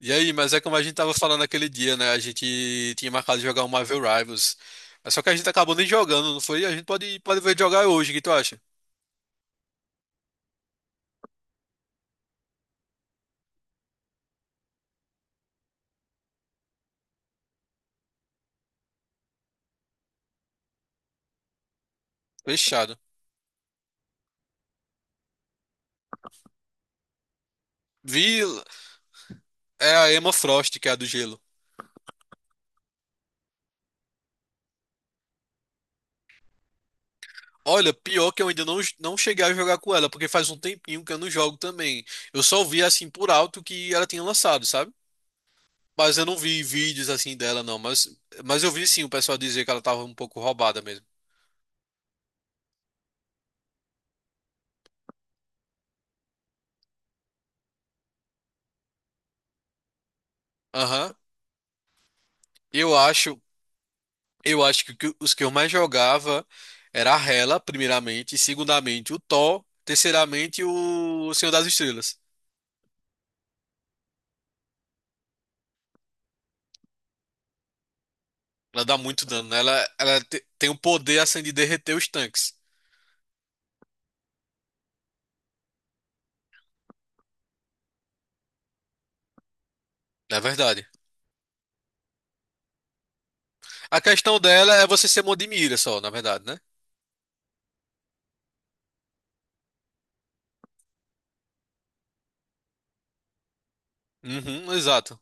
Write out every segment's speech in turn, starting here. E aí, mas é como a gente tava falando aquele dia, né? A gente tinha marcado de jogar um Marvel Rivals. Mas só que a gente acabou nem jogando, não foi? A gente pode ver jogar hoje, o que tu acha? Fechado. Vi, é a Emma Frost, que é a do gelo. Olha, pior que eu ainda não cheguei a jogar com ela, porque faz um tempinho que eu não jogo também. Eu só vi assim por alto que ela tinha lançado, sabe? Mas eu não vi vídeos assim dela, não. Mas eu vi sim o pessoal dizer que ela tava um pouco roubada mesmo. Aham. Eu acho. Eu acho que os que eu mais jogava era a Hela, primeiramente, e segundamente o Thor, terceiramente o Senhor das Estrelas. Ela dá muito dano, né? Ela, tem o poder assim de derreter os tanques, na verdade. A questão dela é você ser mão de mira só, na verdade, né? Uhum, exato.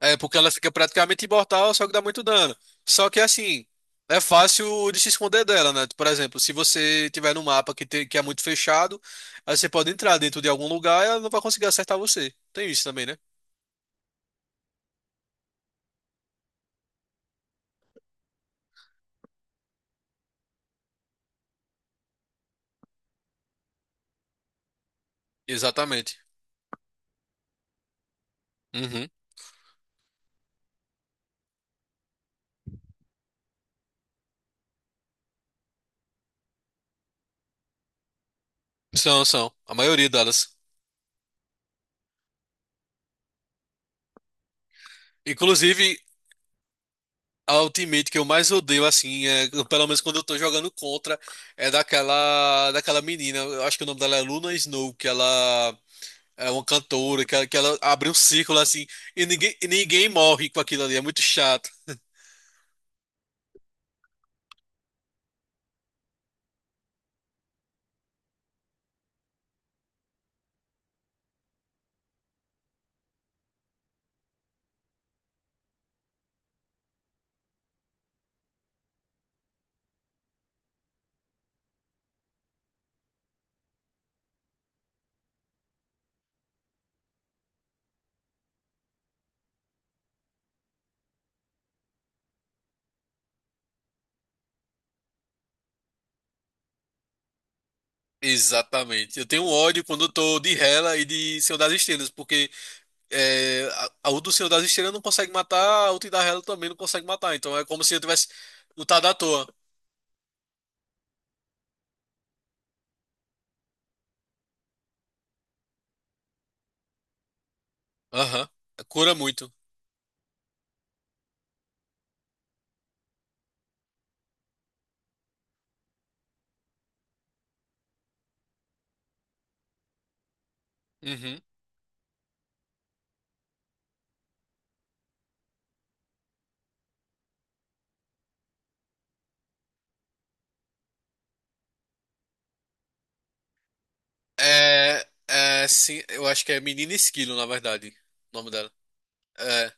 É, porque ela fica praticamente imortal, só que dá muito dano. Só que assim, é fácil de se esconder dela, né? Por exemplo, se você tiver num mapa que é muito fechado, aí você pode entrar dentro de algum lugar e ela não vai conseguir acertar você. Tem isso também, né? Exatamente. Uhum. São, são. A maioria delas. Inclusive, a ultimate que eu mais odeio, assim, é, pelo menos quando eu tô jogando contra, é daquela menina. Eu acho que o nome dela é Luna Snow, que ela é uma cantora, que que ela abre um círculo assim e ninguém morre com aquilo ali. É muito chato. Exatamente. Eu tenho um ódio quando eu tô de Hela e de Senhor das Estrelas, porque é, a o do Senhor das Estrelas não consegue matar, a outra da Hela também não consegue matar. Então é como se eu tivesse lutado à toa. Aham. Cura muito. Uhum. É, é, sim, eu acho que é Menina Esquilo, na verdade, o nome dela. É.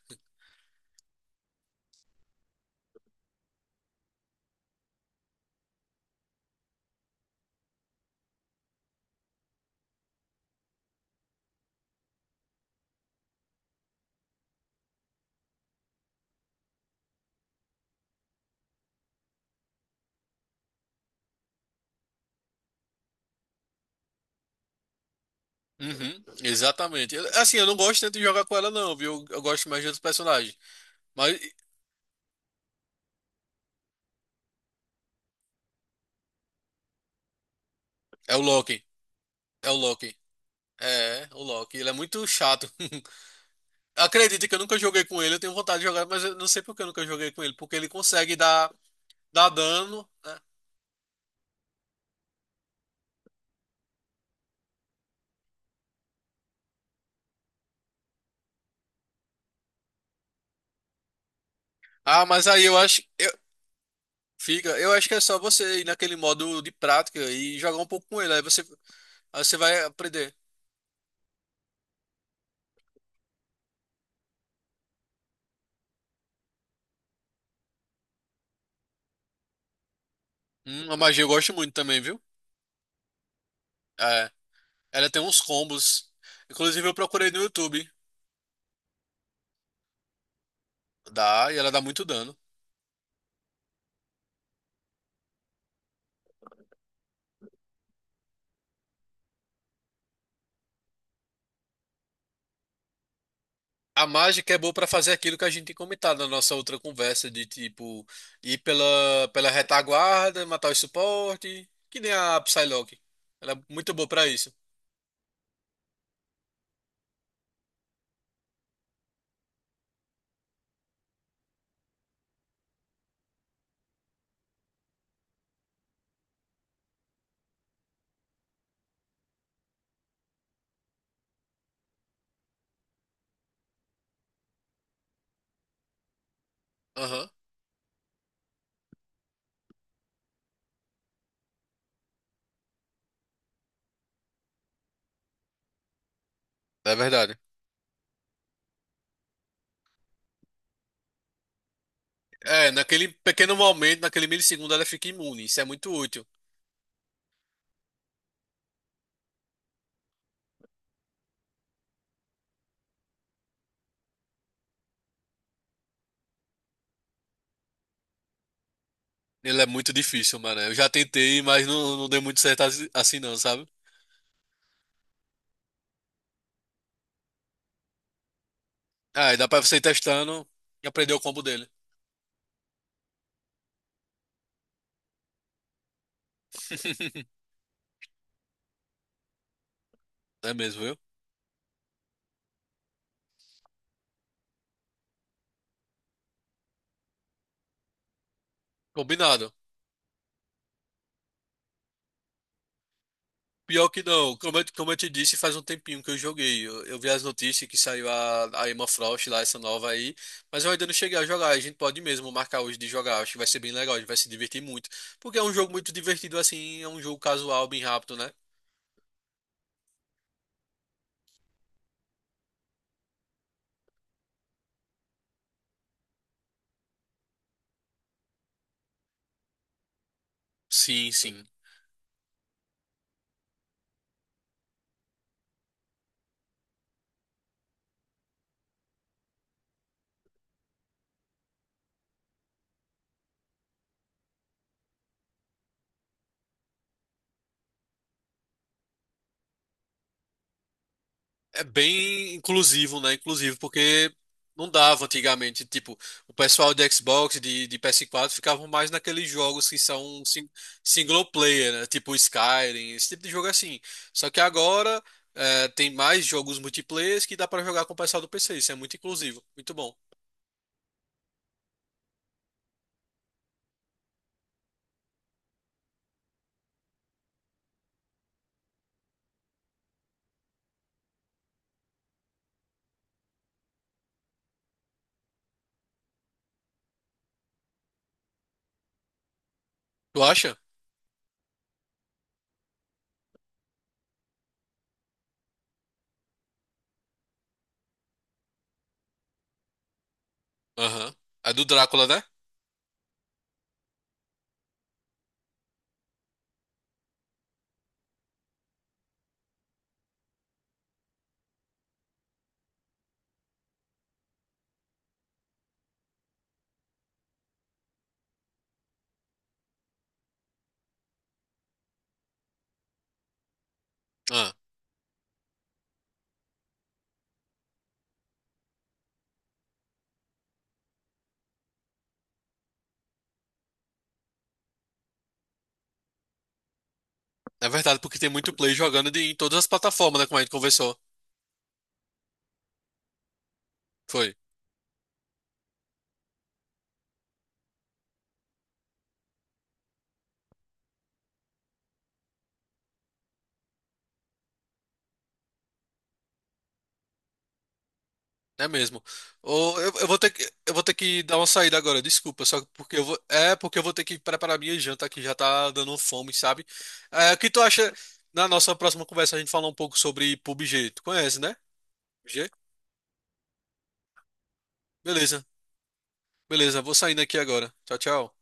Uhum, exatamente. Assim, eu não gosto tanto de jogar com ela, não, viu? Eu gosto mais de outros personagens. Mas é o Loki. É o Loki. É, o Loki. Ele é muito chato. Acredita que eu nunca joguei com ele. Eu tenho vontade de jogar, mas eu não sei por que eu nunca joguei com ele. Porque ele consegue dar dano, né? Ah, mas aí eu acho. Eu, fica. Eu acho que é só você ir naquele modo de prática e jogar um pouco com ele. Aí você vai aprender. A magia eu gosto muito também, viu? É, ela tem uns combos. Inclusive eu procurei no YouTube. Dá, e ela dá muito dano. A mágica é boa pra fazer aquilo que a gente tem comentado na nossa outra conversa, de tipo, ir pela retaguarda, matar o suporte, que nem a Psylocke. Ela é muito boa pra isso. Aham, é verdade. É, naquele pequeno momento, naquele milissegundo, ela fica imune. Isso é muito útil. Ele é muito difícil, mano. Eu já tentei, mas não deu muito certo assim não, sabe? Ah, e dá pra você ir testando e aprender o combo dele. É mesmo, viu? Combinado. Pior que não, como eu te disse, faz um tempinho que eu joguei. Eu vi as notícias que saiu a Emma Frost lá, essa nova aí, mas eu ainda não cheguei a jogar. A gente pode mesmo marcar hoje de jogar, acho que vai ser bem legal, a gente vai se divertir muito. Porque é um jogo muito divertido assim, é um jogo casual, bem rápido, né? Sim, sim. É bem inclusivo, né? Inclusivo, porque não dava antigamente. Tipo, o pessoal de Xbox, de PS4 ficavam mais naqueles jogos que são single player, né? Tipo Skyrim, esse tipo de jogo assim. Só que agora é, tem mais jogos multiplayer que dá pra jogar com o pessoal do PC. Isso é muito inclusivo. Muito bom. Tu acha? Aham. É do Drácula, né? Ah, é verdade, porque tem muito play jogando de, em todas as plataformas, né? Como a gente conversou. Foi. É mesmo. Ô, eu, eu vou ter que dar uma saída agora, desculpa, só porque eu vou, é porque eu vou ter que preparar minha janta que já tá dando fome, sabe? É, o que tu acha na nossa próxima conversa a gente falar um pouco sobre PUBG? Tu conhece, né? PUBG? Beleza. Beleza, vou saindo aqui agora. Tchau, tchau.